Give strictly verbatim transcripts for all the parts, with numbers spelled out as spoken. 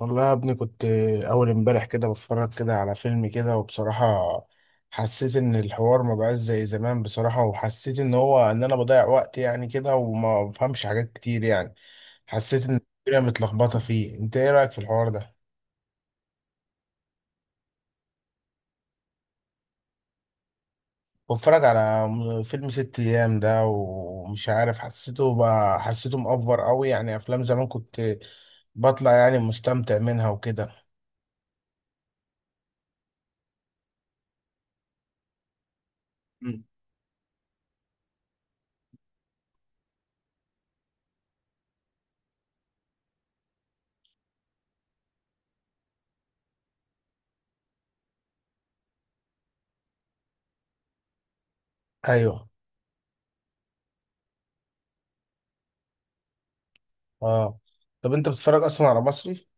والله يا ابني كنت أول امبارح كده بتفرج كده على فيلم كده. وبصراحة حسيت إن الحوار ما بقاش زي زمان بصراحة، وحسيت إن هو إن أنا بضيع وقت يعني كده وما بفهمش حاجات كتير يعني. حسيت إن الدنيا متلخبطة فيه. أنت إيه رأيك في الحوار ده؟ بتفرج على م- فيلم ست أيام ده ومش عارف، حسيته بقى حسيته مأفور أوي يعني. أفلام زمان كنت بطلع يعني مستمتع منها وكده. مم. أيوه. أه. طب أنت بتتفرج أصلا على مصري؟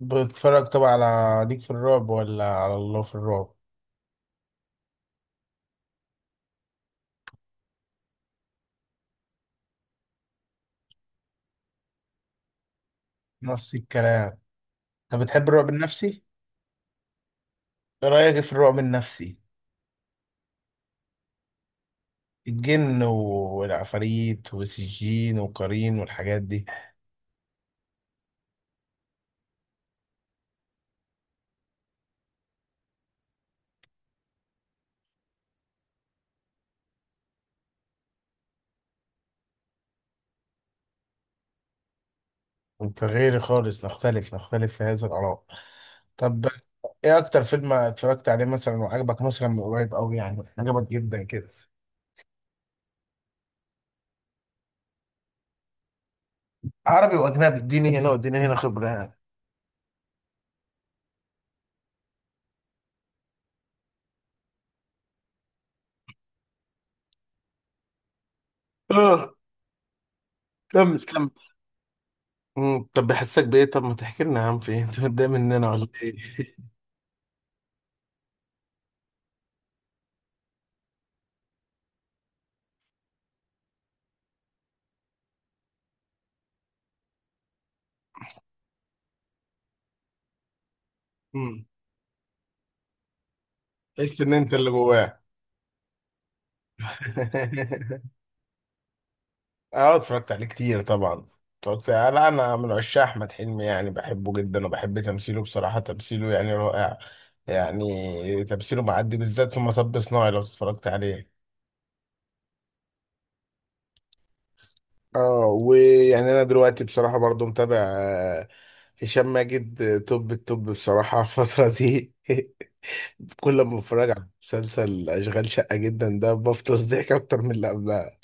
بتتفرج طبعا على ليك في الرعب ولا على الله في الرعب؟ نفس الكلام. طب بتحب الرعب النفسي؟ ايه رايك في الرعب النفسي؟ الجن والعفاريت والسجين والقرين والحاجات دي. انت غيري خالص، نختلف نختلف في هذا الاراء. طب ايه اكتر فيلم اتفرجت عليه مثلا وعجبك مثلا من قريب قوي يعني عجبك جدا كده؟ عربي واجنبي، اديني هنا واديني هنا خبره يعني. اه كمل كمل. مم، طب بحسك بايه؟ طب ما تحكي لنا يا عم في إيه؟ انت متضايق مننا ولا ايه؟ قلت ان انت اللي جواه. اه اتفرجت عليه كتير طبعا. اتفرجت، لا انا من عشاق احمد حلمي يعني، بحبه جدا وبحب تمثيله بصراحة، تمثيله يعني رائع. يعني تمثيله معدي بالذات في مطب صناعي لو اتفرجت عليه. اه ويعني انا دلوقتي بصراحة برضو متابع آه، هشام ماجد. آه، توب التوب بصراحة الفترة دي. كل ما بتفرج على مسلسل اشغال شقة جدا ده بفطس ضحك اكتر من اللي قبلها.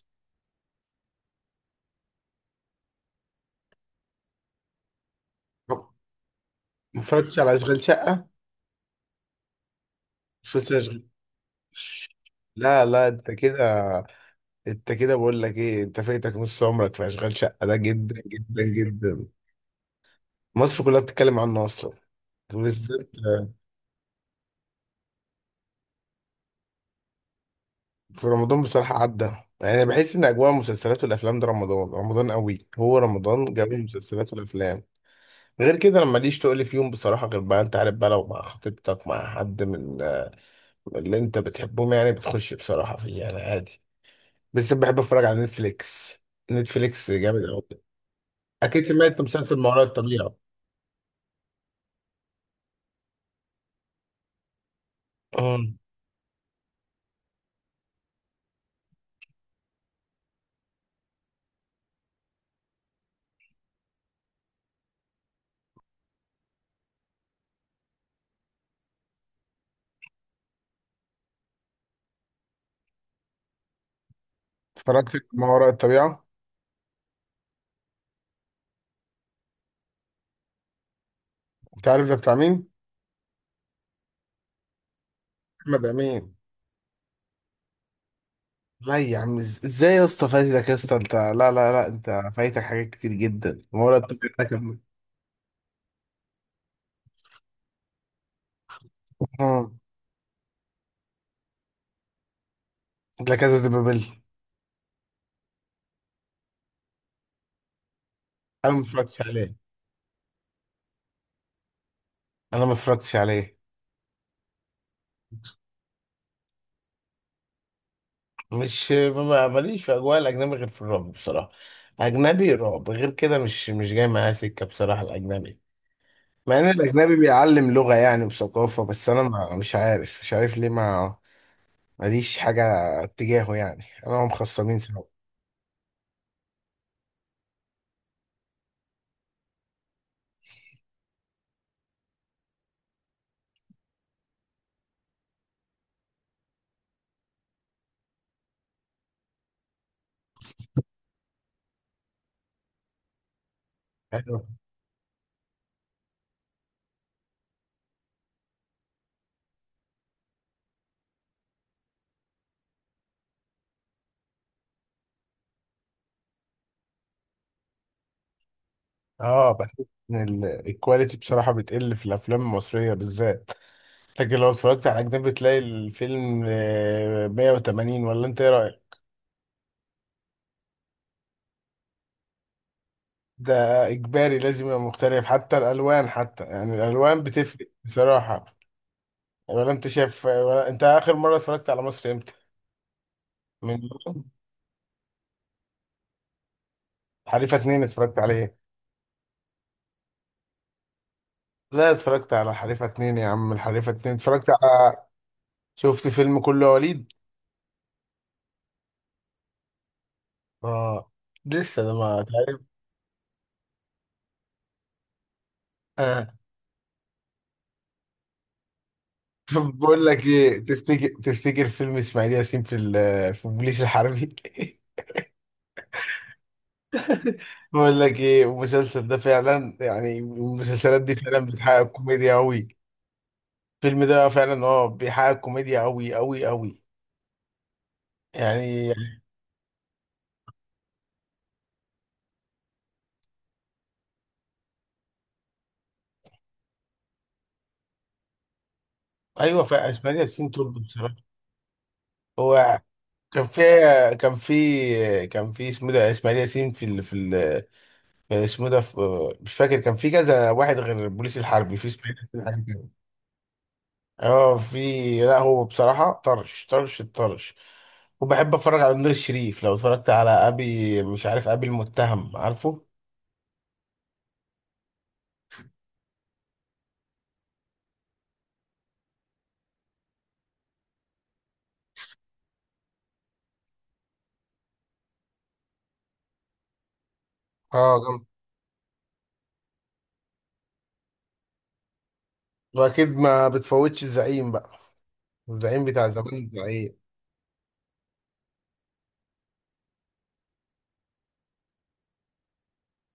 ما اتفرجتش على اشغال شقة مسلسل؟ لا لا، انت كده. انت كده بقول لك ايه؟ انت فايتك نص عمرك في اشغال شقه ده، جدا جدا جدا. مصر كلها بتتكلم عنه اصلا، وبالذات في رمضان بصراحه عدى يعني. أنا بحس ان اجواء المسلسلات والافلام ده رمضان رمضان قوي، هو رمضان جاب المسلسلات والافلام. غير كده انا ماليش تقول فيهم بصراحه، غير بقى انت عارف بقى لو مع خطيبتك مع حد من اللي انت بتحبهم يعني بتخش بصراحه فيه يعني عادي. بس بحب اتفرج على نتفليكس. نتفليكس جامد قوي. اكيد سمعت مسلسل ما وراء الطبيعه. اه اتفرجت ما وراء الطبيعة. انت عارف ده بتاع مين؟ احمد امين. لا يا عم، إز- ازاي يا اسطى؟ فايتك يا اسطى. انت لا لا لا، انت فايتك حاجات كتير جدا. ما وراء الطبيعة ده كان. مم. لا كذا دي بابل. انا ما اتفرجتش عليه. انا ما اتفرجتش عليه. مش ما- ماليش في اجواء الاجنبي غير في الرعب بصراحة. اجنبي رعب، غير كده مش مش جاي معايا سكة بصراحة الاجنبي. مع ان الاجنبي بيعلم لغة يعني وثقافة، بس انا ما مش عارف مش عارف ليه، ما ماليش حاجة اتجاهه يعني. انا هم خصمين سوا. أيوة. اه بحس ان ال- الكواليتي بصراحة بتقل في الافلام المصرية بالذات. لكن لو اتفرجت على اجنبي تلاقي الفيلم آه، مية وتمانين، ولا انت ايه رأيك؟ ده اجباري لازم يبقى مختلف، حتى الالوان حتى يعني الالوان بتفرق بصراحة. ولا انت شايف؟ ولا انت اخر مرة اتفرجت على مصر امتى؟ من حريفة اتنين اتفرجت عليه؟ لا اتفرجت على حريفة اتنين يا عم، الحريفة اتنين اتفرجت على. شفت فيلم كله يا وليد. اه لسه ده ما تعرف. اه، طب بقول لك ايه، تفتكر تفتكر فيلم اسماعيل ياسين في ال- في البوليس الحربي. بقول لك ايه المسلسل ده فعلا، يعني المسلسلات دي فعلا بتحقق كوميديا قوي. الفيلم ده فعلا اه بيحقق كوميديا قوي قوي قوي يعني. ايوه فعلا اسماعيل ياسين تولد بصراحه. هو كان في كان في كان في اسمه ده اسماعيل ياسين في ال... في ال... اسمه ده في... مش فاكر. كان في كذا واحد غير البوليس الحربي في اسماعيل ياسين حاجة. اه في. لا هو بصراحة طرش طرش الطرش. وبحب اتفرج على نور الشريف، لو اتفرجت على ابي مش عارف ابي المتهم عارفه. اه جامد. واكيد ما بتفوتش الزعيم بقى. الزعيم بتاع زمان الزعيم.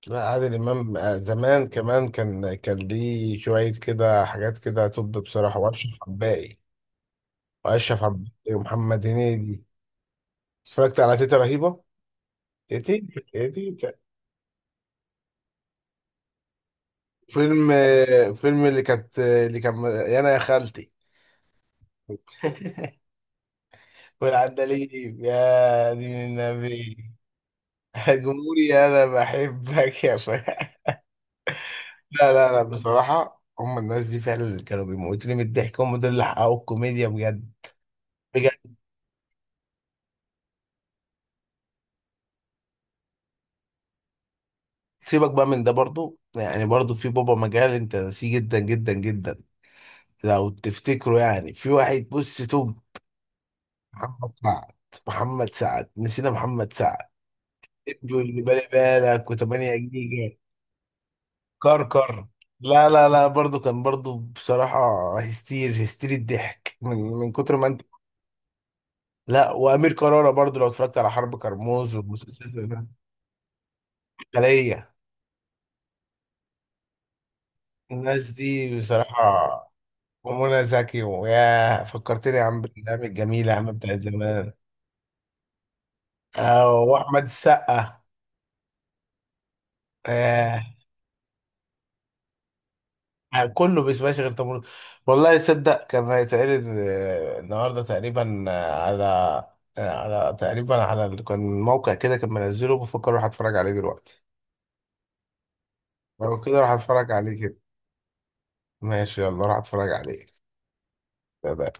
لا عادل امام آه، زمان كمان كان كان ليه شوية كده حاجات كده، طب بصراحة. واشرف عباقي، واشرف عباقي ومحمد هنيدي. اتفرجت على تيتا رهيبة. تيتا تيتا. فيلم آه، فيلم اللي كانت اللي كان انا يا خالتي. والعندليب يا دين النبي. جمهوري انا بحبك يا فهد. لا لا لا، بصراحة هم الناس دي فعلا اللي كانوا بيموتوني من الضحك، هم دول اللي حققوا الكوميديا بجد بجد. سيبك بقى من ده برضو، يعني برضو في بابا مجال انت ناسيه، جدا جدا جدا. لو تفتكروا يعني في واحد بص توب. محمد سعد. محمد سعد نسينا محمد سعد. ابنه اللي بالي بالك و8 جيجا. كركر. لا لا لا برضو كان برضو بصراحة. هستير هستير الضحك من من كتر ما انت. لا وأمير كرارة برضو، لو اتفرجت على حرب كرموز والمسلسلات. الخلية. الناس دي بصراحة. ومنى زكي، ويا فكرتني يا عم بالأيام الجميلة يا عم بتاعت زمان. آه، وأحمد السقا. آه، يعني كله بيسمعش غير تمر. والله تصدق كان هيتعرض آه، النهارده تقريبا آه، على، آه، على تقريبا على ال- كان موقع كده كان منزله، بفكر اروح اتفرج عليه دلوقتي. لو كده راح اتفرج عليه كده. ماشي، يلا راح اتفرج عليه. سلام.